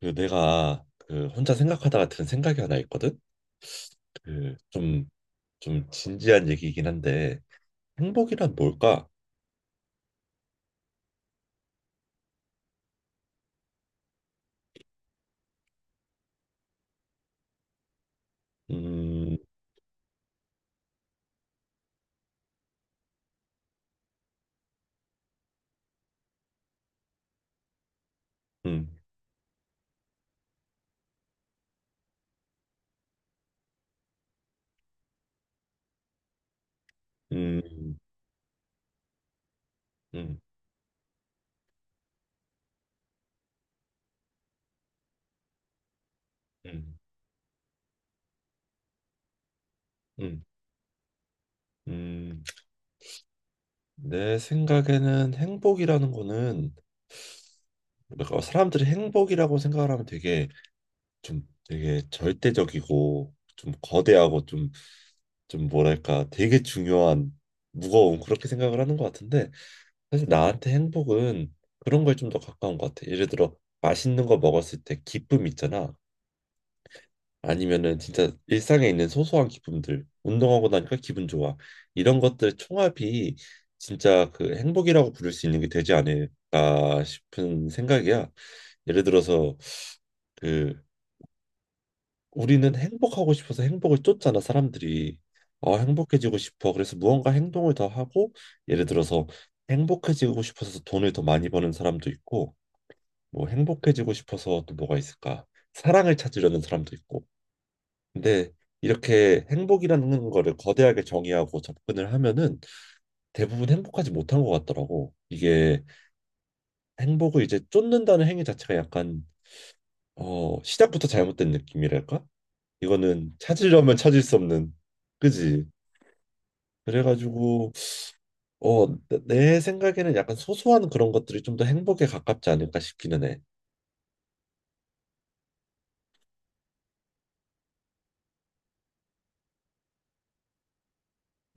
그 내가 그 혼자 생각하다가 든 생각이 하나 있거든. 그 좀 진지한 얘기이긴 한데 행복이란 뭘까? 음, 음, 음, 음, 음, 음, 음. 내 생각에는 행복이라는 거는 뭔가 사람들이 행복이라고 생각을 하면 되게 좀 되게 절대적이고 좀 거대하고 좀 뭐랄까 되게 중요한 무거운 그렇게 생각을 하는 것 같은데 사실 나한테 행복은 그런 걸 좀 더 가까운 것 같아. 예를 들어 맛있는 거 먹었을 때 기쁨 있잖아. 아니면은 진짜 일상에 있는 소소한 기쁨들, 운동하고 나니까 기분 좋아. 이런 것들 총합이 진짜 그 행복이라고 부를 수 있는 게 되지 않을까 싶은 생각이야. 예를 들어서 그 우리는 행복하고 싶어서 행복을 쫓잖아, 사람들이. 어, 행복해지고 싶어. 그래서 무언가 행동을 더 하고 예를 들어서 행복해지고 싶어서 돈을 더 많이 버는 사람도 있고 뭐 행복해지고 싶어서 또 뭐가 있을까? 사랑을 찾으려는 사람도 있고. 근데 이렇게 행복이라는 거를 거대하게 정의하고 접근을 하면은 대부분 행복하지 못한 것 같더라고. 이게 행복을 이제 쫓는다는 행위 자체가 약간 어, 시작부터 잘못된 느낌이랄까? 이거는 찾으려면 찾을 수 없는, 그지? 그래가지고 어, 내, 생각에는 약간 소소한 그런 것들이 좀 더 행복에 가깝지 않을까 싶기는 해.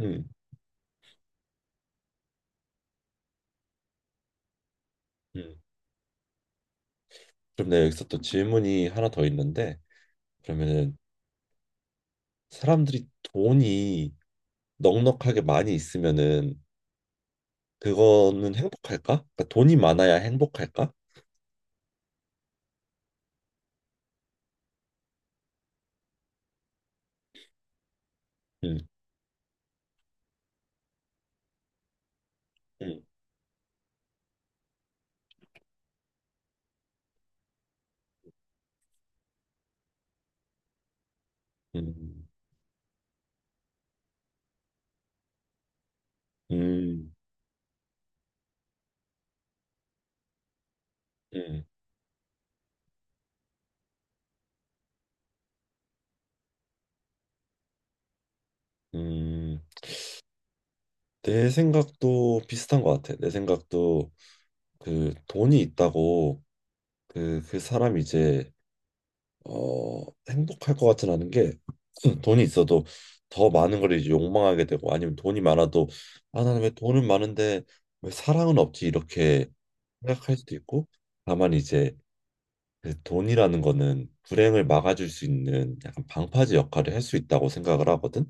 음, 음. 그럼 내가 여기서 또 질문이 하나 더 있는데 그러면은 사람들이 돈이 넉넉하게 많이 있으면은 그거는 행복할까? 그러니까 돈이 많아야 행복할까? 음, 음, 음, 음, 음, 음. 내 생각도 비슷한 것 같아. 내 생각도 그 돈이 있다고 그, 그 사람이 이제 어, 행복할 것 같진 않은 게 돈이 있어도 더 많은 걸 이제 욕망하게 되고 아니면 돈이 많아도 아 나는 왜 돈은 많은데 왜 사랑은 없지 이렇게 생각할 수도 있고 다만 이제 그 돈이라는 거는 불행을 막아줄 수 있는 약간 방파제 역할을 할 수 있다고 생각을 하거든.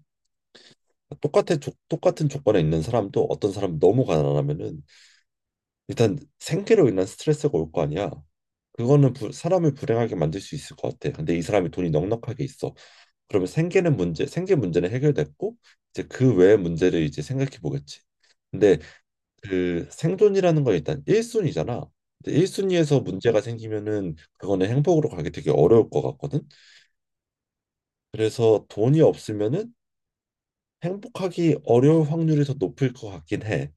똑같은 조건에 있는 사람도 어떤 사람 너무 가난하면은 일단 생계로 인한 스트레스가 올 거 아니야. 그거는 사람을 불행하게 만들 수 있을 것 같아. 근데 이 사람이 돈이 넉넉하게 있어. 그러면 생계는 문제, 생계 문제는 해결됐고 이제 그 외의 문제를 이제 생각해 보겠지. 근데 그 생존이라는 건 일단 1순위잖아. 일 1순위에서 문제가 생기면은 그거는 행복으로 가기 되게 어려울 것 같거든. 그래서 돈이 없으면은 행복하기 어려울 확률이 더 높을 것 같긴 해.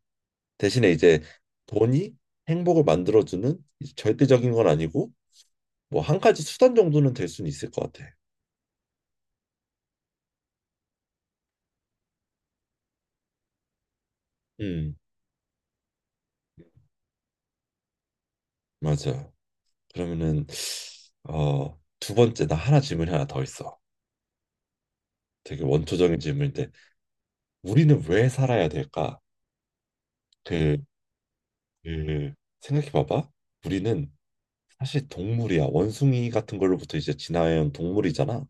대신에 이제 돈이 행복을 만들어주는 이제 절대적인 건 아니고 뭐 한 가지 수단 정도는 될 수는 있을 것 같아. 음, 맞아. 그러면은 어, 두 번째 나 하나 질문이 하나 더 있어. 되게 원초적인 질문인데 우리는 왜 살아야 될까? 그 그 생각해봐봐. 우리는 사실 동물이야. 원숭이 같은 걸로부터 이제 진화해온 동물이잖아.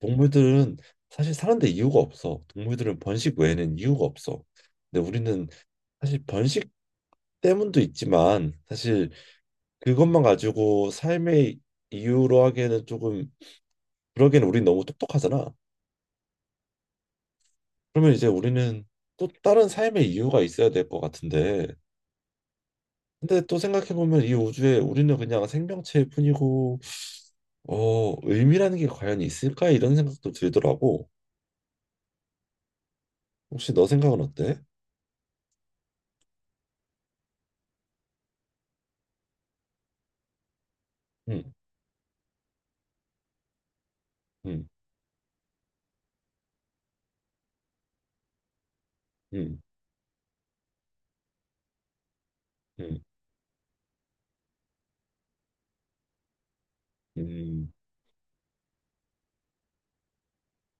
동물들은 사실 사는데 이유가 없어. 동물들은 번식 외에는 이유가 없어. 근데 우리는 사실 번식 때문도 있지만 사실 그것만 가지고 삶의 이유로 하기에는 조금 그러기에는 우린 너무 똑똑하잖아. 그러면 이제 우리는 또 다른 삶의 이유가 있어야 될 것 같은데. 근데 또 생각해보면 이 우주에 우리는 그냥 생명체일 뿐이고 어, 의미라는 게 과연 있을까? 이런 생각도 들더라고. 혹시 너 생각은 어때? 음, 음, 음, 음, 음,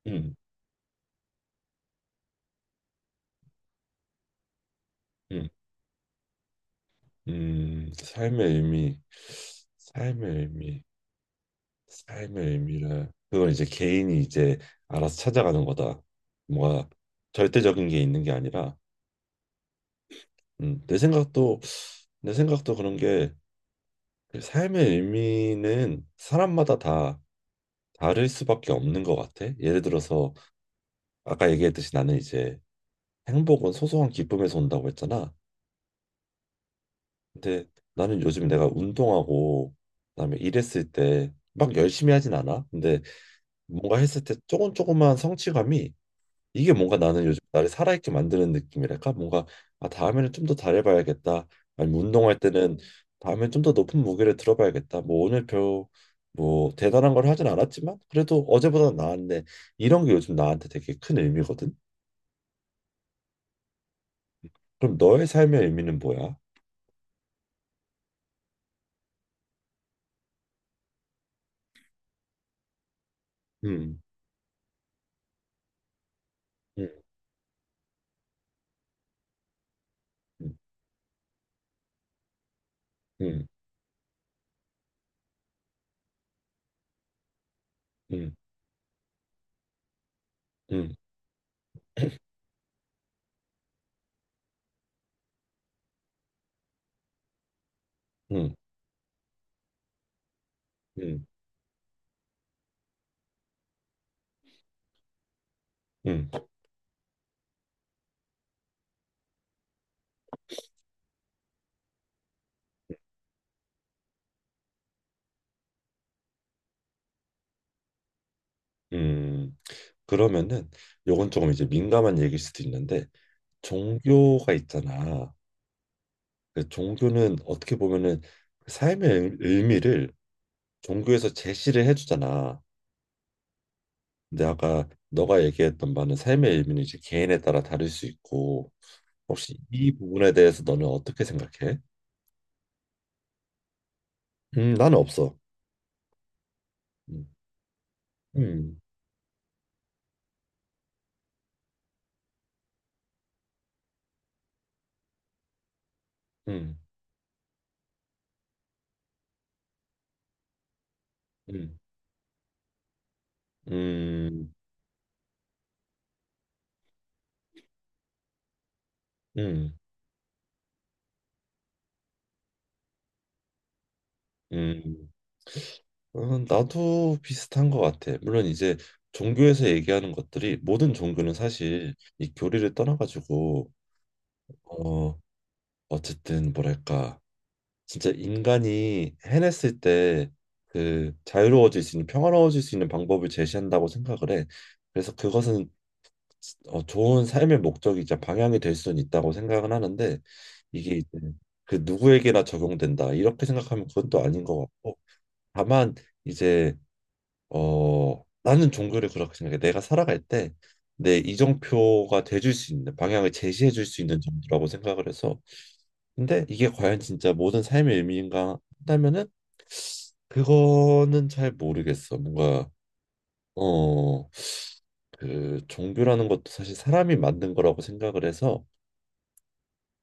음, 음, 삶의 의미, 삶의 의미, 삶의 의미를. 그건 이제 개인이 이제 알아서 찾아가는 거다. 뭐가 절대적인 게 있는 게 아니라, 음, 내 생각도 내 생각도 그런 게그 삶의 의미는 사람마다 다 다를 수밖에 없는 것 같아. 예를 들어서 아까 얘기했듯이 나는 이제 행복은 소소한 기쁨에서 온다고 했잖아. 근데 나는 요즘 내가 운동하고 그다음에 일했을 때 막 열심히 하진 않아. 근데 뭔가 했을 때 조금 조금만 성취감이 이게 뭔가 나는 요즘 나를 살아있게 만드는 느낌이랄까? 뭔가 아 다음에는 좀 더 잘해봐야겠다. 아니면 운동할 때는 다음에 좀 더 높은 무게를 들어봐야겠다. 뭐 오늘 별 뭐 대단한 걸 하진 않았지만 그래도 어제보다 나았네. 이런 게 요즘 나한테 되게 큰 의미거든. 그럼 너의 삶의 의미는 뭐야? 음, 음, 음, 음, 음, 음, 음, 음, 음. 음, 음, 음. 그러면은 요건 조금 이제 민감한 얘기일 수도 있는데 종교가 있잖아. 그 종교는 어떻게 보면은 그 삶의 의- 의미를 종교에서 제시를 해주잖아. 근데 아까 너가 얘기했던 바는 삶의 의미는 이제 개인에 따라 다를 수 있고 혹시 이 부분에 대해서 너는 어떻게 생각해? 나는 없어. 음, 음, 음, 음, 음, 음. 음, 어, 나도 비슷한 것 같아. 물론 이제 종교에서 얘기하는 것들이 모든 종교는 사실 이 교리를 떠나가지고 어 어쨌든 뭐랄까 진짜 인간이 해냈을 때 그 자유로워질 수 있는 평화로워질 수 있는 방법을 제시한다고 생각을 해. 그래서 그것은 어, 좋은 삶의 목적이자 방향이 될 수는 있다고 생각은 하는데 이게 이제 그 누구에게나 적용된다 이렇게 생각하면 그건 또 아닌 것 같고 다만 이제 어, 나는 종교를 그렇게 생각해. 내가 살아갈 때 내 이정표가 돼줄 수 있는 방향을 제시해 줄 수 있는 정도라고 생각을 해서. 근데 이게 과연 진짜 모든 삶의 의미인가 한다면은 그거는 잘 모르겠어. 뭔가 어, 그 종교라는 것도 사실 사람이 만든 거라고 생각을 해서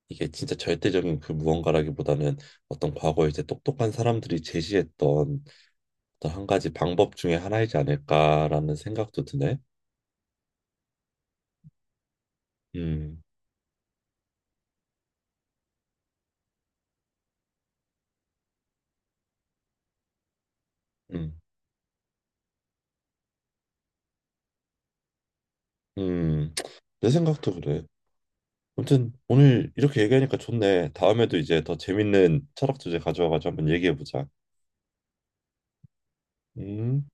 이게 진짜 절대적인 그 무언가라기보다는 어떤 과거에 이제 똑똑한 사람들이 제시했던 어떤 한 가지 방법 중에 하나이지 않을까라는 생각도 드네. 음. 음, 음, 내 생각도 그래. 아무튼 오늘 이렇게 얘기하니까 좋네. 다음에도 이제 더 재밌는 철학 주제 가져와가지고 한번 얘기해보자. 음.